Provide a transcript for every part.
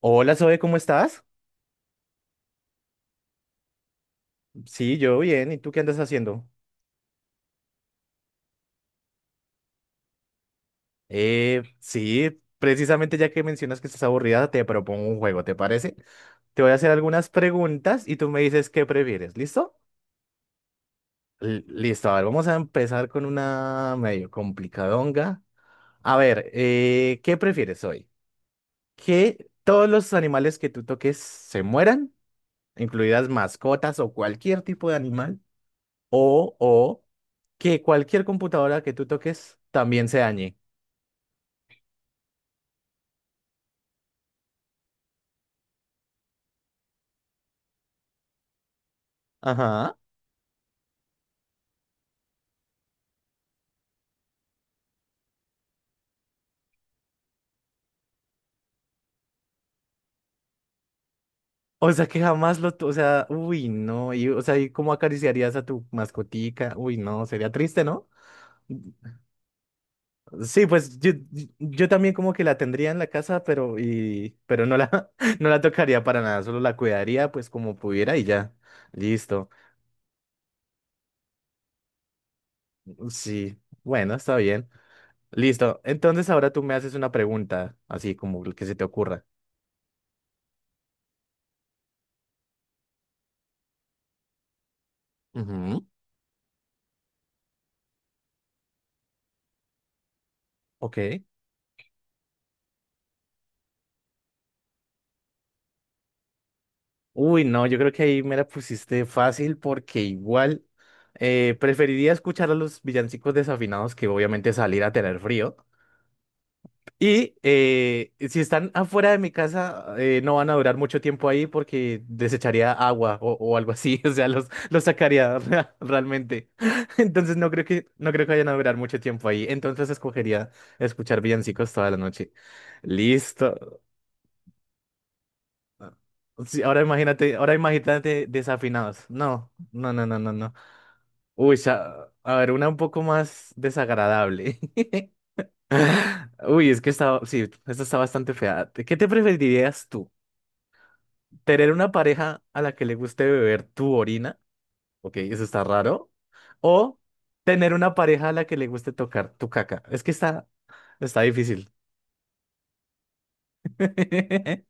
Hola Zoe, ¿cómo estás? Sí, yo bien. ¿Y tú qué andas haciendo? Sí, precisamente ya que mencionas que estás aburrida, te propongo un juego, ¿te parece? Te voy a hacer algunas preguntas y tú me dices qué prefieres, ¿listo? Listo, a ver, vamos a empezar con una medio complicadonga. A ver, ¿qué prefieres hoy? ¿Que todos los animales que tú toques se mueran, incluidas mascotas o cualquier tipo de animal? O que cualquier computadora que tú toques también se dañe. Ajá. O sea, que jamás lo, o sea, uy, no, y, o sea, ¿y cómo acariciarías a tu mascotica? Uy, no, sería triste, ¿no? Sí, pues yo también como que la tendría en la casa, pero, y, pero no la, no la tocaría para nada, solo la cuidaría pues como pudiera y ya, listo. Sí, bueno, está bien. Listo, entonces ahora tú me haces una pregunta, así como el que se te ocurra. Ujú. Ok. Uy, no, yo creo que ahí me la pusiste fácil porque igual preferiría escuchar a los villancicos desafinados que obviamente salir a tener frío. Y si están afuera de mi casa, no van a durar mucho tiempo ahí porque desecharía agua o algo así. O sea, los sacaría realmente. Entonces no creo que vayan a durar mucho tiempo ahí. Entonces escogería escuchar villancicos toda la noche. Listo. Ah, sí, ahora imagínate desafinados. No, no, no, no, no, no. Uy, a ver, una un poco más desagradable. Uy, es que está, sí, esta está bastante fea. ¿Qué te preferirías tú? ¿Tener una pareja a la que le guste beber tu orina? Ok, eso está raro. ¿O tener una pareja a la que le guste tocar tu caca? Está difícil.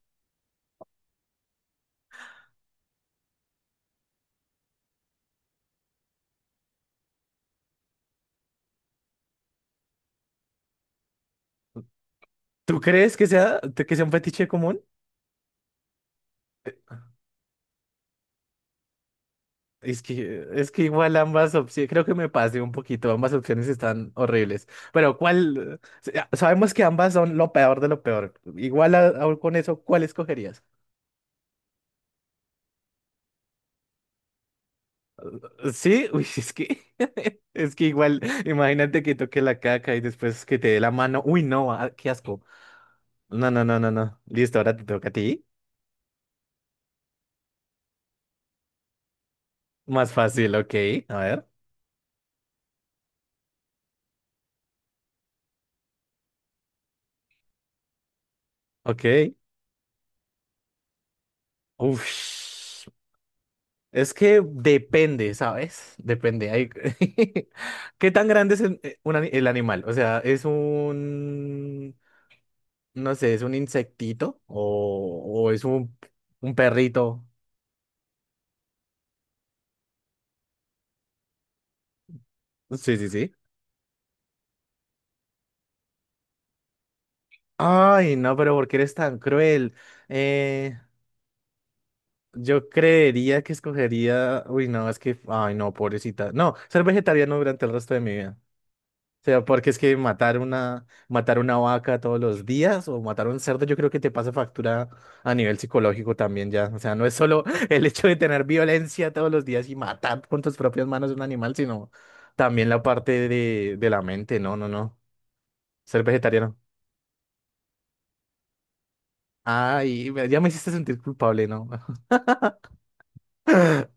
¿Tú crees que que sea un fetiche común? Es que igual ambas opciones, creo que me pasé un poquito, ambas opciones están horribles. Pero ¿cuál? Ya, sabemos que ambas son lo peor de lo peor. Igual aún con eso, ¿cuál escogerías? Sí, uy, es que, es que igual, imagínate que toque la caca y después que te dé la mano. Uy, no, ah, qué asco. No, no, no, no, no. Listo, ahora te toca a ti. Más fácil, ok. A ver, ok. Uf. Es que depende, ¿sabes? Depende. Hay... ¿Qué tan grande es el el animal? O sea, ¿es un, no sé, es un insectito o es un perrito? Sí, sí, sí. Ay, no, pero ¿por qué eres tan cruel? Eh, yo creería que escogería... Uy, no, es que... Ay, no, pobrecita. No, ser vegetariano durante el resto de mi vida. O sea, porque es que matar una vaca todos los días o matar un cerdo, yo creo que te pasa factura a nivel psicológico también ya. O sea, no es solo el hecho de tener violencia todos los días y matar con tus propias manos un animal, sino también la parte de la mente. No, no, no. Ser vegetariano. Ay, ya me hiciste sentir culpable, ¿no?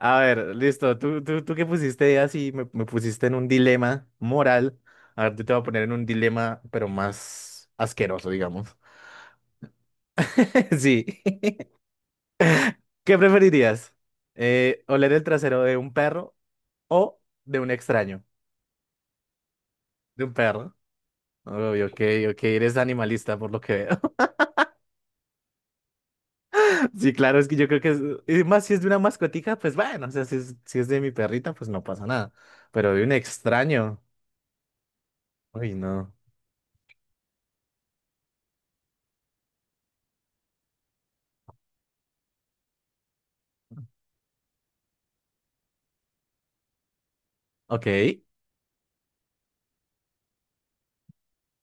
A ver, listo. Tú que pusiste así, me pusiste en un dilema moral. A ver, yo te voy a poner en un dilema, pero más asqueroso, digamos. Sí. ¿Qué preferirías? ¿Oler el trasero de un perro o de un extraño? De un perro. Uy, ok, ok, eres animalista por lo que veo. Sí, claro, es que yo creo que es, y más si es de una mascotica, pues bueno, o sea, si es de mi perrita, pues no pasa nada. Pero de un extraño, uy, no. Ok.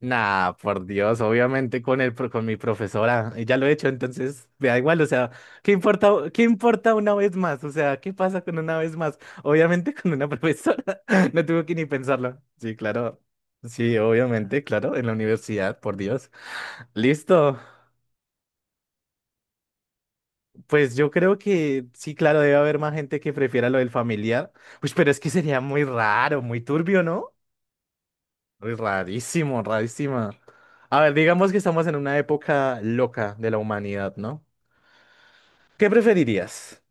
Nah, por Dios, obviamente con con mi profesora, y ya lo he hecho, entonces me da igual, o sea, qué importa una vez más? O sea, ¿qué pasa con una vez más? Obviamente con una profesora, no tuve que ni pensarlo. Sí, claro. Sí, obviamente, claro, en la universidad, por Dios. Listo. Pues yo creo que sí, claro, debe haber más gente que prefiera lo del familiar. Pues, pero es que sería muy raro, muy turbio, ¿no? Uy, rarísimo, rarísima. A ver, digamos que estamos en una época loca de la humanidad, ¿no? ¿Qué preferirías?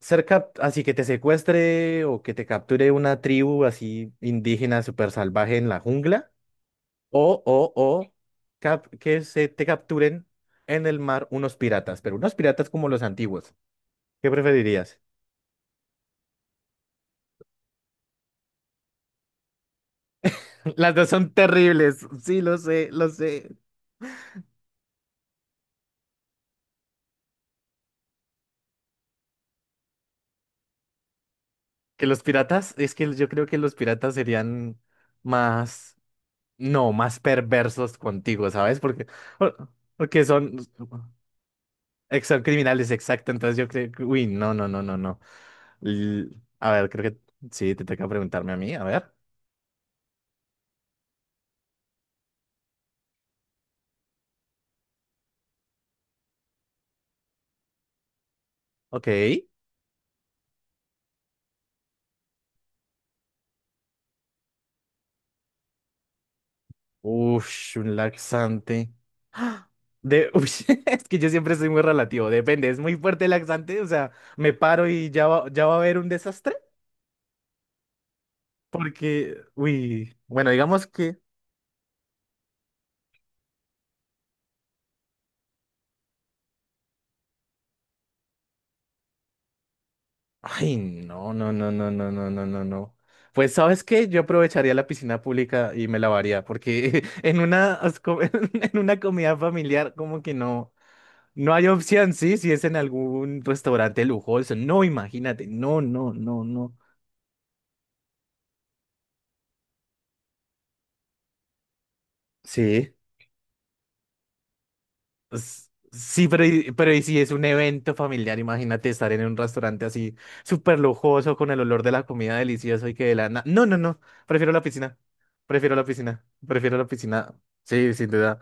Así que te secuestre o que te capture una tribu así indígena súper salvaje en la jungla? O que se te capturen en el mar unos piratas, pero unos piratas como los antiguos. ¿Qué preferirías? Las dos son terribles. Sí, lo sé, lo sé. Que los piratas, es que yo creo que los piratas serían más. No, más perversos contigo, ¿sabes? Porque, por- porque son, son criminales, exacto. Entonces yo creo que, uy, no, no, no, no, no. L- a ver, creo que sí, te toca preguntarme a mí, a ver. Ok. Ush, un laxante. ¡Ah! De, uy, es que yo siempre soy muy relativo, depende, es muy fuerte el laxante, o sea, me paro y ya va a haber un desastre. Porque, uy, bueno, digamos que... Ay, no, no, no, no, no, no, no, no, no. Pues, ¿sabes qué? Yo aprovecharía la piscina pública y me lavaría, porque en una, en una comida familiar como que no, no hay opción, ¿sí? Si es en algún restaurante lujoso. No, imagínate. No, no, no, no. Sí. Sí, pero, pero y si es un evento familiar, imagínate estar en un restaurante así súper lujoso con el olor de la comida delicioso y que de la... No, no, no, prefiero la piscina, prefiero la piscina. Sí, sin duda.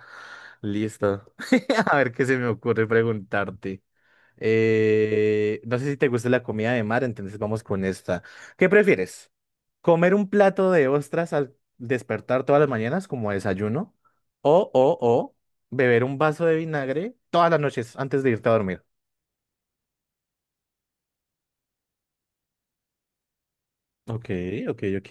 Listo. A ver qué se me ocurre preguntarte. No sé si te gusta la comida de mar, entonces vamos con esta. ¿Qué prefieres? Comer un plato de ostras al despertar todas las mañanas como desayuno. O beber un vaso de vinagre todas las noches antes de irte a dormir. Ok, ok, ok.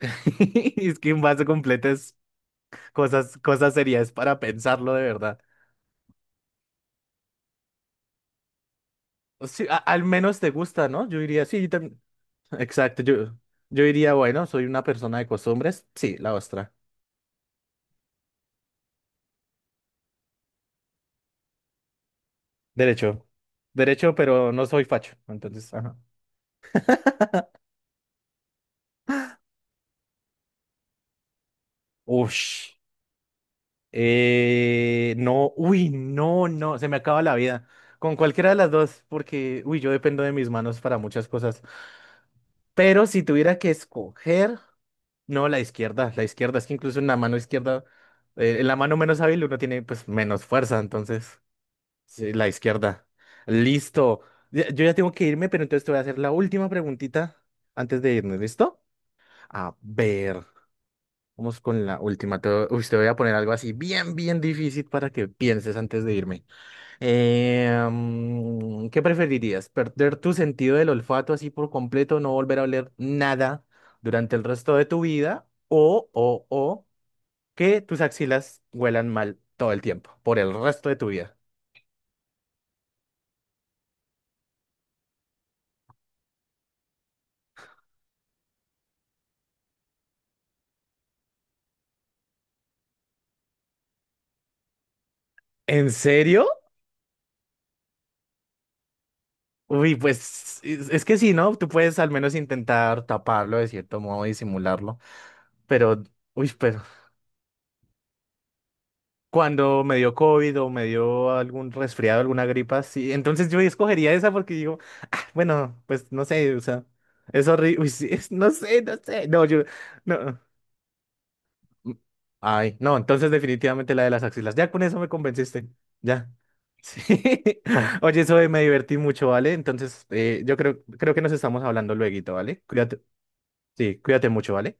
Es que un vaso completo es cosas serias para pensarlo de verdad. Sí, al menos te gusta, ¿no? Yo diría, sí, yo también. Exacto, yo diría, bueno, soy una persona de costumbres. Sí, la ostra. Derecho. Derecho, pero no soy facho. Entonces, ajá. Ush. No, uy, no, no, se me acaba la vida. Con cualquiera de las dos, porque, uy, yo dependo de mis manos para muchas cosas. Pero si tuviera que escoger, no, la izquierda, es que incluso en la mano izquierda, en la mano menos hábil uno tiene pues menos fuerza, entonces, sí, la izquierda. Listo. Yo ya tengo que irme, pero entonces te voy a hacer la última preguntita antes de irnos, ¿listo? A ver. Vamos con la última. Te, uy, te voy a poner algo así bien, bien difícil para que pienses antes de irme. ¿Qué preferirías? ¿Perder tu sentido del olfato así por completo, no volver a oler nada durante el resto de tu vida? ¿O que tus axilas huelan mal todo el tiempo, por el resto de tu vida? ¿En serio? Uy, pues es que sí, ¿no? Tú puedes al menos intentar taparlo de cierto modo, disimularlo, pero... Uy, pues cuando me dio COVID o me dio algún resfriado, alguna gripa, sí. Entonces yo escogería esa porque digo, bueno, pues no sé, o sea, es horrible. No sé, no sé. No, yo, no. mm, Ay, no, entonces definitivamente la de las axilas. Ya con eso me convenciste. Ya. Sí. Oye, eso me divertí mucho, ¿vale? Entonces, creo que nos estamos hablando lueguito, ¿vale? Cuídate. Sí, cuídate mucho, ¿vale?